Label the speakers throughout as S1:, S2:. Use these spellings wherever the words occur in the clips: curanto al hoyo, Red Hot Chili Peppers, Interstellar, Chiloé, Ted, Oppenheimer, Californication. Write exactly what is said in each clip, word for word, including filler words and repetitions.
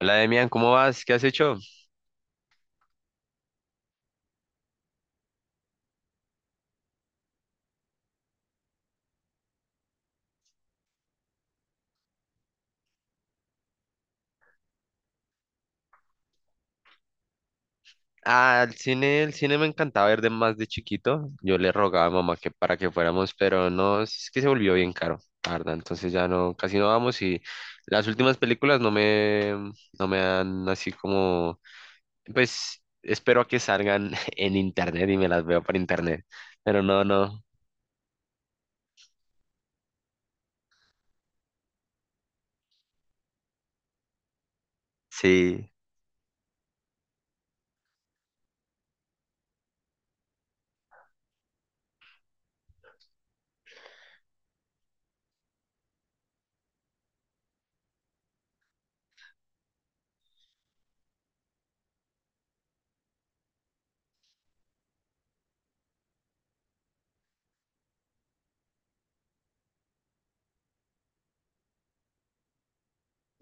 S1: Hola, Demian, ¿cómo vas? ¿Qué has hecho? Ah, el cine, el cine me encantaba ver de más de chiquito. Yo le rogaba a mamá que para que fuéramos, pero no, es que se volvió bien caro, la verdad. Entonces ya no, casi no vamos y las últimas películas no me, no me dan así como, pues espero a que salgan en internet y me las veo por internet. Pero no, no, sí,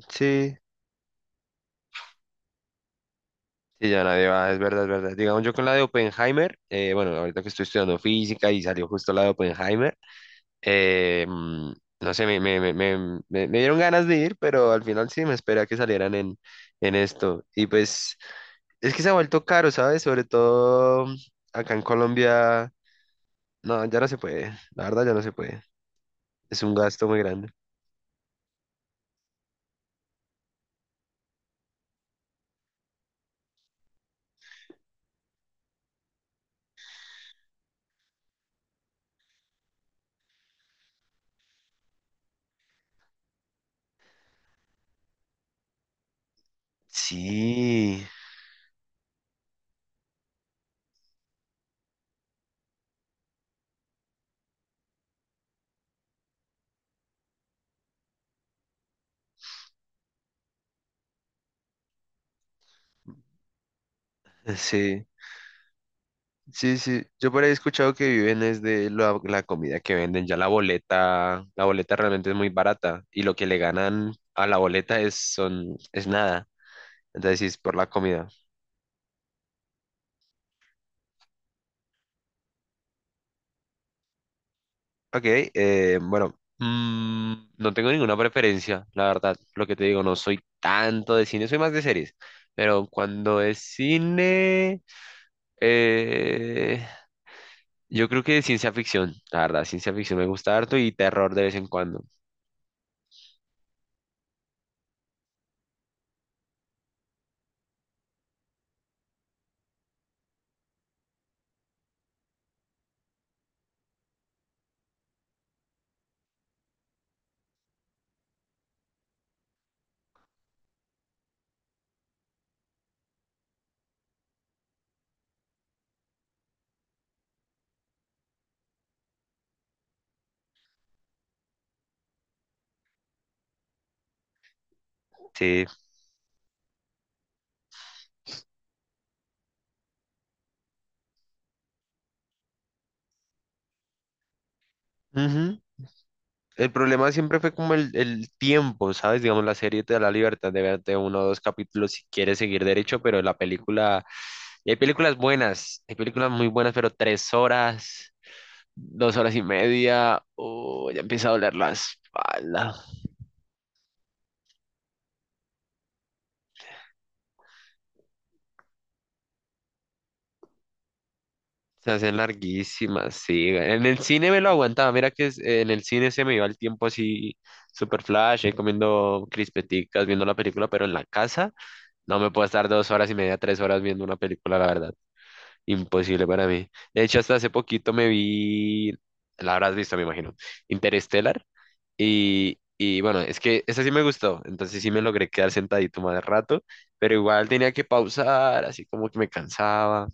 S1: sí. Sí, ya nadie va, es verdad, es verdad. Digamos, yo con la de Oppenheimer, eh, bueno, ahorita que estoy estudiando física y salió justo la de Oppenheimer. Eh, mm, no sé, me, me, me, me, me- me dieron ganas de ir, pero al final sí me esperé a que salieran en, en esto. Y pues es que se ha vuelto caro, ¿sabes? Sobre todo mm, acá en Colombia. No, ya no se puede. La verdad ya no se puede. Es un gasto muy grande. Sí, sí, sí, sí. Yo por ahí he escuchado que viven es de la, la comida que venden. Ya la boleta, la boleta realmente es muy barata y lo que le ganan a la boleta es, son, es nada. Entonces sí, es por la comida. Ok, eh, bueno, mm, no tengo ninguna preferencia, la verdad. Lo que te digo, no soy tanto de cine, soy más de series. Pero cuando es cine, eh, yo creo que de ciencia ficción, la verdad, ciencia ficción me gusta harto y terror de vez en cuando. Sí. Ujú. El problema siempre fue como el, el tiempo, ¿sabes? Digamos, la serie te da la libertad de verte uno o dos capítulos si quieres seguir derecho, pero la película, y hay películas buenas, hay películas muy buenas, pero tres horas, dos horas y media, o ya empieza a doler la espalda. Se hacen larguísimas, sí. En el cine me lo aguantaba. Mira que es- en el cine se me iba el tiempo así, super flash, ahí comiendo crispeticas, viendo la película, pero en la casa no me puedo estar dos horas y media, tres horas viendo una película, la verdad. Imposible para mí. De hecho, hasta hace poquito me vi, la habrás visto, me imagino, Interstellar. Y, y bueno, es que esa sí me gustó, entonces sí me logré quedar sentadito más rato, pero igual tenía que pausar, así como que me cansaba.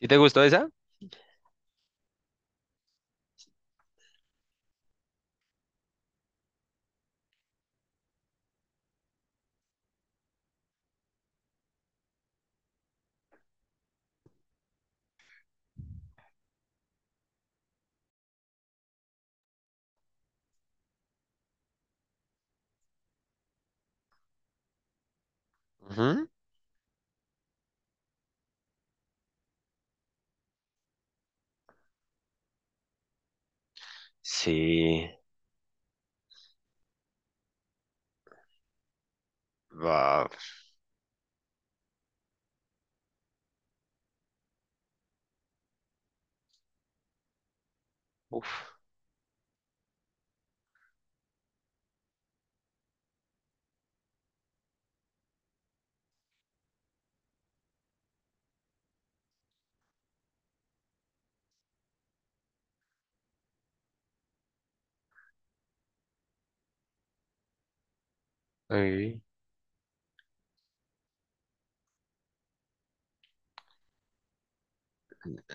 S1: ¿Y te gustó esa? Ujú. Sí. Wow. Uf. Ay,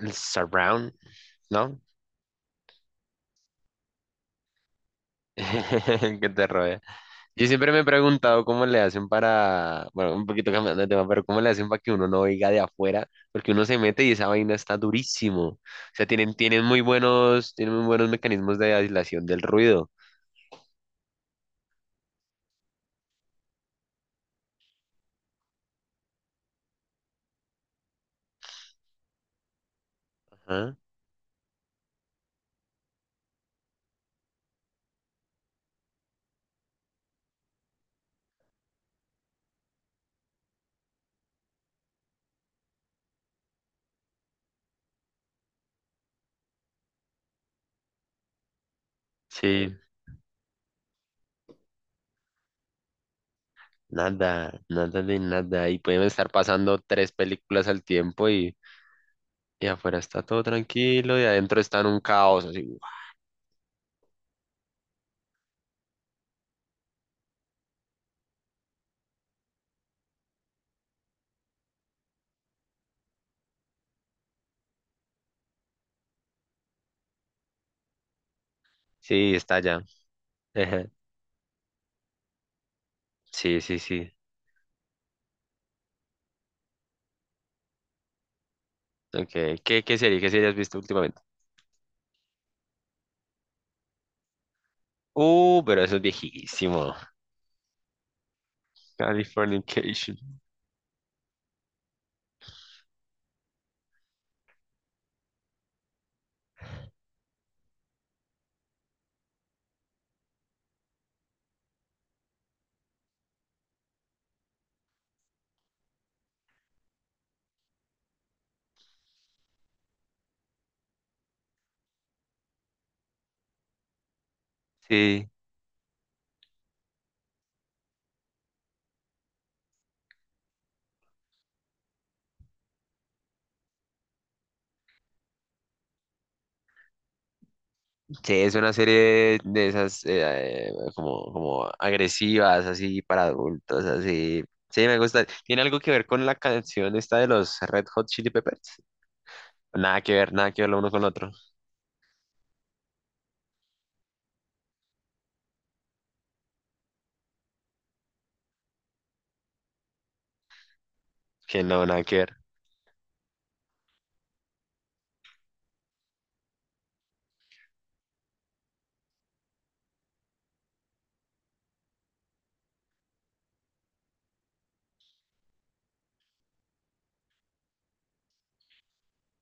S1: el surround, ¿no? que te rodea. Yo siempre me he preguntado cómo le hacen para, bueno, un poquito cambiando de tema, pero cómo le hacen para que uno no oiga de afuera, porque uno se mete y esa vaina está durísimo. O sea, tienen, tienen muy buenos, tienen muy buenos mecanismos de aislación del ruido. Sí, nada, nada de nada. Y pueden estar pasando tres películas al tiempo y, y afuera está todo tranquilo y adentro está en un caos. Así. Sí, está allá. Ejé. Sí, sí, sí. Okay. ¿Qué, qué serie? ¿Qué serie has visto últimamente? Uh, pero eso es viejísimo. Californication. Sí, sí, es una serie de esas eh, como, como agresivas, así para adultos, así. Sí, me gusta. ¿Tiene algo que ver con la canción esta de los Red Hot Chili Peppers? Nada que ver, nada que ver lo uno con lo otro. Que no, nada que ver.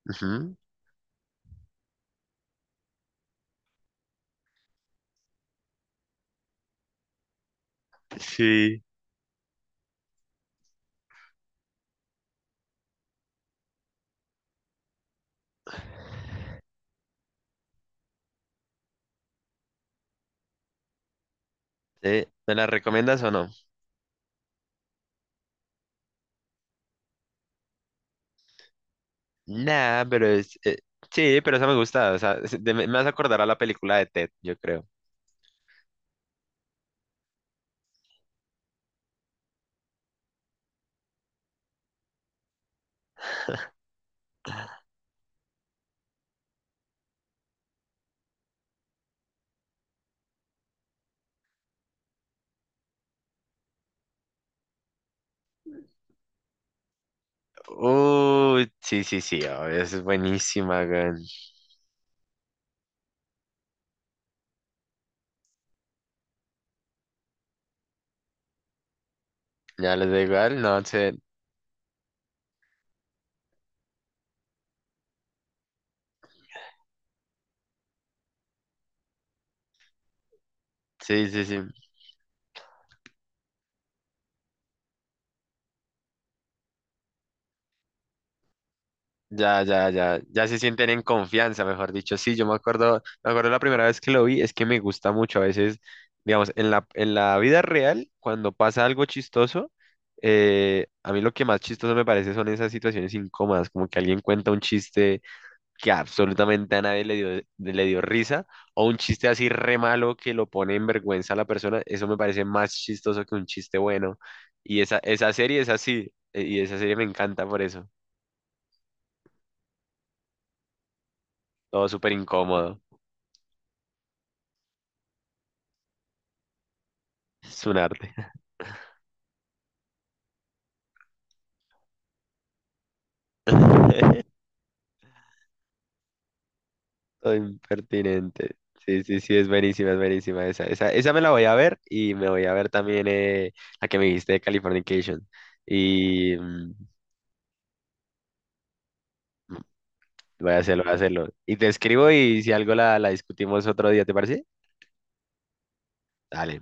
S1: Ujú. Sí. Sí, ¿me la recomiendas o no? Nada pero es... eh, sí, pero esa me gusta. O sea, es- de- me me vas a acordar a la película de Ted, yo creo. Uy, sí, sí, sí, obvio, es buenísima, weón. Ya les da igual, no sé. Sí, sí, sí. Ya, ya, ya, ya se sienten en confianza, mejor dicho. Sí, yo me acuerdo, me acuerdo la primera vez que lo vi, es que me gusta mucho a veces, digamos, en la, en la vida real, cuando pasa algo chistoso, eh, a mí lo que más chistoso me parece son esas situaciones incómodas, como que alguien cuenta un chiste que absolutamente a nadie le dio, le dio risa, o un chiste así re malo que lo pone en vergüenza a la persona, eso me parece más chistoso que un chiste bueno. Y esa, esa serie es así, eh, y esa serie me encanta por eso, todo súper incómodo. Es un arte. Todo impertinente. Sí, sí, sí, es buenísima, es buenísima esa. Esa, esa me la voy a ver y me voy a ver también eh, la que me dijiste de Californication. Y mm, voy a hacerlo, voy a hacerlo. Y te escribo y si algo la, la discutimos otro día, ¿te parece? Dale.